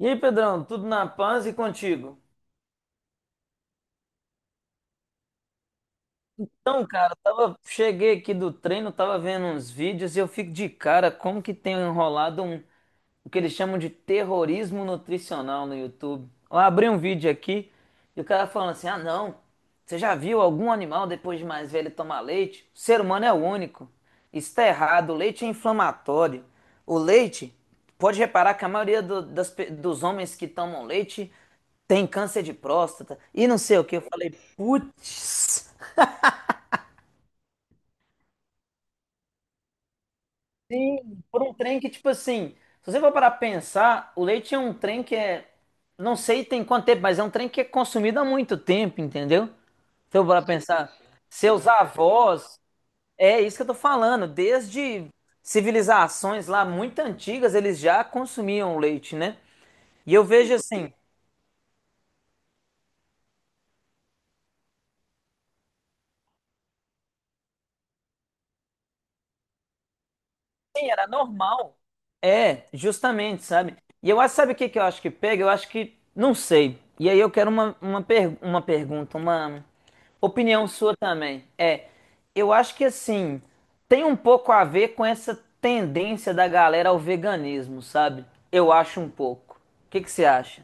E aí, Pedrão, tudo na paz e contigo? Então, cara, cheguei aqui do treino, tava vendo uns vídeos e eu fico de cara como que tem enrolado O que eles chamam de terrorismo nutricional no YouTube. Eu abri um vídeo aqui e o cara falando assim: ah, não, você já viu algum animal depois de mais velho tomar leite? O ser humano é o único. Isso está errado, o leite é inflamatório. O leite, pode reparar que a maioria dos homens que tomam leite tem câncer de próstata e não sei o que. Eu falei, putz. Sim, por um trem que, tipo assim, se você for parar pra pensar, o leite é um trem que é. Não sei tem quanto tempo, mas é um trem que é consumido há muito tempo, entendeu? Se eu parar pra pensar, seus avós, é isso que eu tô falando, desde civilizações lá muito antigas, eles já consumiam leite, né? E eu vejo assim, era normal. É, justamente, sabe? E eu acho, sabe o que que eu acho que pega? Eu acho que, não sei. E aí eu quero uma pergunta, uma opinião sua também. É, eu acho que assim, tem um pouco a ver com essa tendência da galera ao veganismo, sabe? Eu acho um pouco. O que que você acha?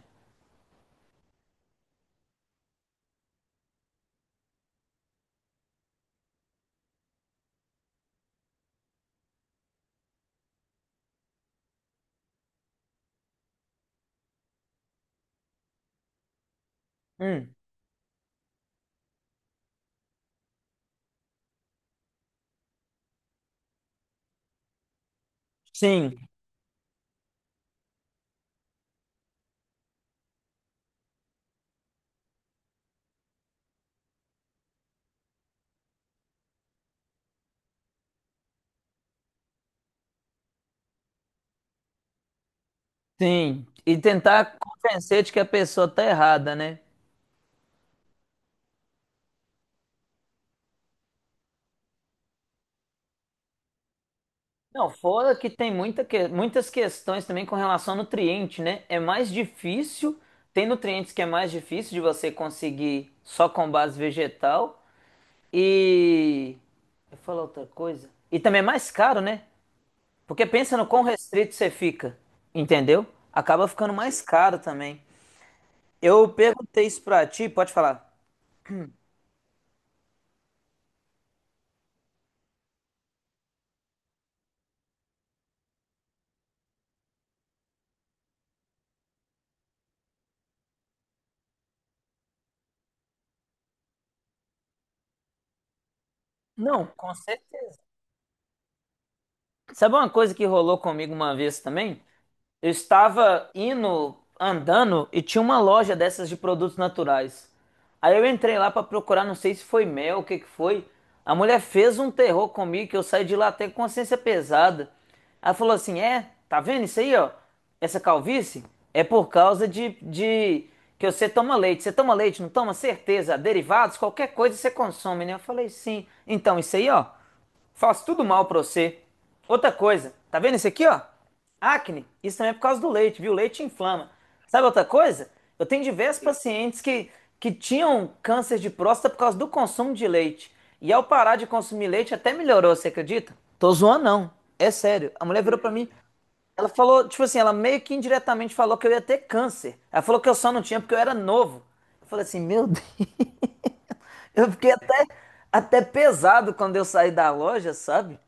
Hum, sim, sim. E tentar convencer de que a pessoa tá errada, né? Não, fora que tem muitas questões também com relação ao nutriente, né? É mais difícil, tem nutrientes que é mais difícil de você conseguir só com base vegetal. E. Eu falo outra coisa. E também é mais caro, né? Porque pensa no quão restrito você fica, entendeu? Acaba ficando mais caro também. Eu perguntei isso pra ti, pode falar. Não, com certeza. Sabe uma coisa que rolou comigo uma vez também? Eu estava indo, andando e tinha uma loja dessas de produtos naturais. Aí eu entrei lá pra procurar, não sei se foi mel, o que que foi. A mulher fez um terror comigo que eu saí de lá até com consciência pesada. Ela falou assim: é, tá vendo isso aí, ó? Essa calvície é por causa de que você toma leite. Você toma leite, não toma? Certeza. Derivados, qualquer coisa você consome, né? Eu falei: sim. Então, isso aí, ó, faz tudo mal pra você. Outra coisa, tá vendo isso aqui, ó? Acne, isso também é por causa do leite, viu? O leite inflama. Sabe outra coisa? Eu tenho diversos pacientes que tinham câncer de próstata por causa do consumo de leite. E ao parar de consumir leite, até melhorou, você acredita? Tô zoando, não. É sério. A mulher virou pra mim, ela falou, tipo assim, ela meio que indiretamente falou que eu ia ter câncer. Ela falou que eu só não tinha porque eu era novo. Eu falei assim, meu Deus. Eu fiquei até pesado quando eu saí da loja, sabe?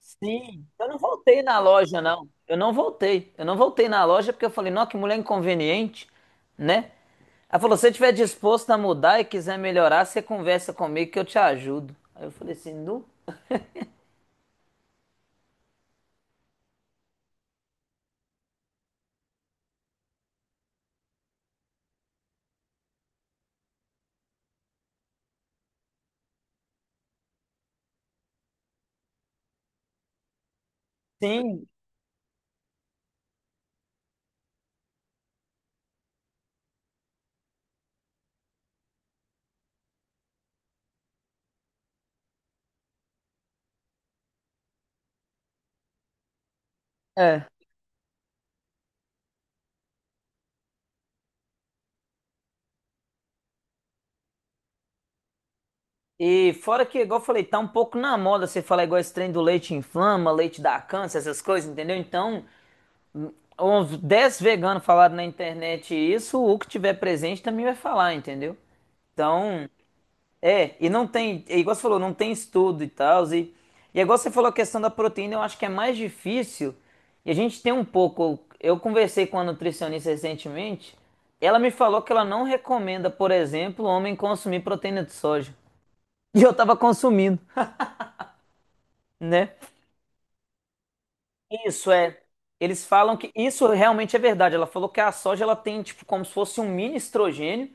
Sim, eu não voltei na loja, não. Eu não voltei. Eu não voltei na loja porque eu falei, nossa, que mulher inconveniente, né? Ela falou, se você estiver disposto a mudar e quiser melhorar, você conversa comigo que eu te ajudo. Aí eu falei assim, não? Sim, é. E fora que, igual eu falei, tá um pouco na moda você falar igual esse trem do leite inflama, leite dá câncer, essas coisas, entendeu? Então, uns 10 veganos falaram na internet isso, o que tiver presente também vai falar, entendeu? Então, é, e não tem, é igual você falou, não tem estudo e tal, e é igual você falou a questão da proteína, eu acho que é mais difícil, e a gente tem um pouco, eu conversei com a nutricionista recentemente, ela me falou que ela não recomenda, por exemplo, o homem consumir proteína de soja, e eu tava consumindo, né? Isso é, eles falam que, isso realmente é verdade, ela falou que a soja, ela tem, tipo, como se fosse um mini estrogênio,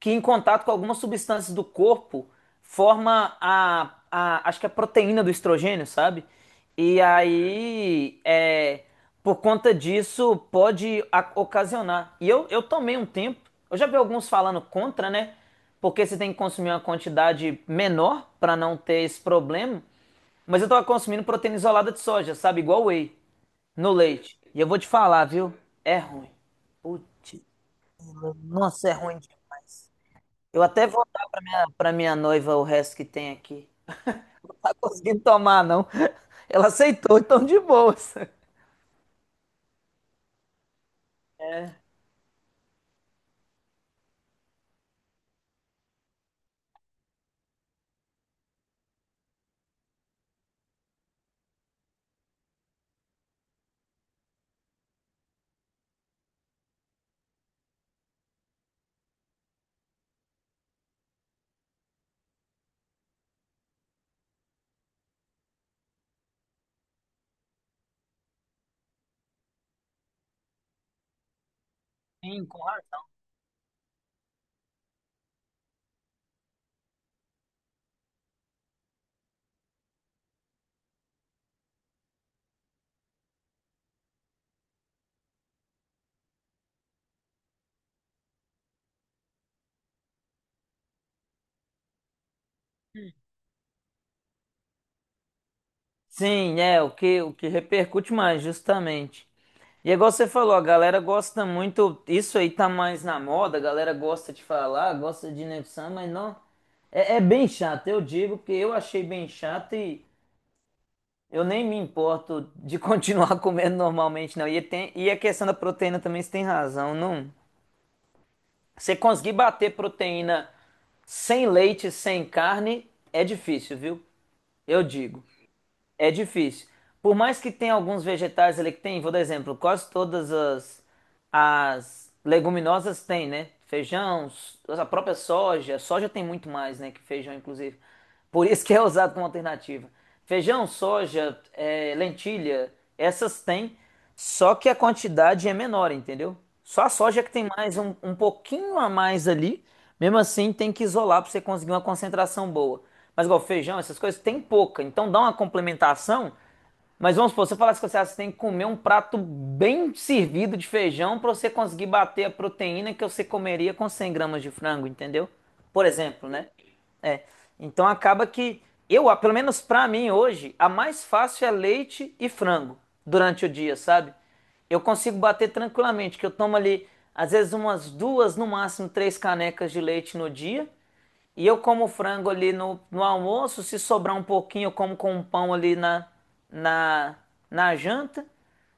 que em contato com algumas substâncias do corpo forma a acho que a proteína do estrogênio, sabe? E aí, é, por conta disso, pode ocasionar. E eu tomei um tempo, eu já vi alguns falando contra, né? Porque você tem que consumir uma quantidade menor para não ter esse problema. Mas eu tava consumindo proteína isolada de soja, sabe? Igual whey, no leite. E eu vou te falar, viu? É ruim. Putz, nossa, é ruim demais. Eu até vou dar pra minha noiva o resto que tem aqui. Não tá conseguindo tomar, não. Ela aceitou, então de boas. Sim, com razão. Sim, é, o que repercute mais, justamente. E é igual você falou, a galera gosta muito, isso aí tá mais na moda, a galera gosta de falar, gosta de Nefsan, mas não, é bem chato, eu digo, porque eu achei bem chato e eu nem me importo de continuar comendo normalmente, não. E, tem, e a questão da proteína também, você tem razão, não, você conseguir bater proteína sem leite, sem carne, é difícil, viu? Eu digo. É difícil. Por mais que tenha alguns vegetais ali que tem, vou dar exemplo, quase todas as leguminosas têm, né? Feijão, a própria soja, soja tem muito mais, né, que feijão, inclusive. Por isso que é usado como alternativa. Feijão, soja, lentilha, essas têm, só que a quantidade é menor, entendeu? Só a soja que tem mais um pouquinho a mais ali, mesmo assim tem que isolar para você conseguir uma concentração boa. Mas igual feijão, essas coisas, tem pouca. Então dá uma complementação. Mas vamos supor, se eu falasse que você tem que comer um prato bem servido de feijão para você conseguir bater a proteína que você comeria com 100 gramas de frango, entendeu? Por exemplo, né? É. Então acaba que pelo menos pra mim hoje, a mais fácil é leite e frango durante o dia, sabe? Eu consigo bater tranquilamente, que eu tomo ali às vezes umas duas, no máximo três canecas de leite no dia. E eu como frango ali no almoço, se sobrar um pouquinho, eu como com um pão ali na, na janta.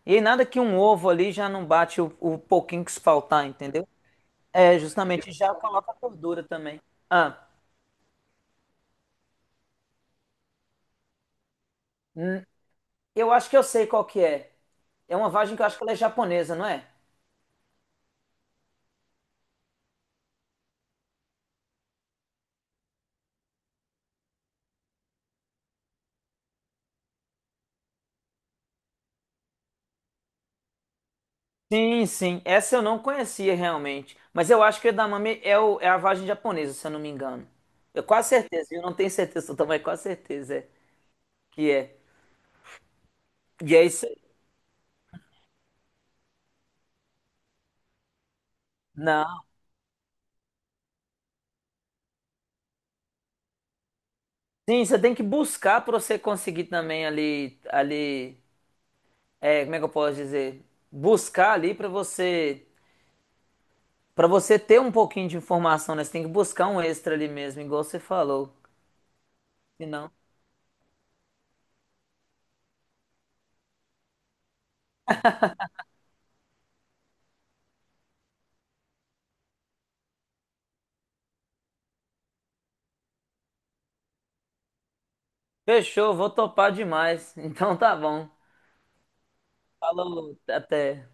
E aí nada que um ovo ali já não bate o pouquinho que se faltar, entendeu? É, justamente já coloca gordura também. Ah, eu acho que eu sei qual que é. É uma vagem que eu acho que ela é japonesa, não é? Sim, sim. Essa eu não conhecia realmente. Mas eu acho que o edamame é a vagem japonesa, se eu não me engano. Eu quase certeza, eu não tenho certeza total, mas quase certeza é que é. E é isso. Não. Sim, você tem que buscar para você conseguir também ali, é, como é que eu posso dizer? Buscar ali para você ter um pouquinho de informação, né? Você tem que buscar um extra ali mesmo, igual você falou. Se não, fechou, vou topar demais. Então tá bom. Falou, até.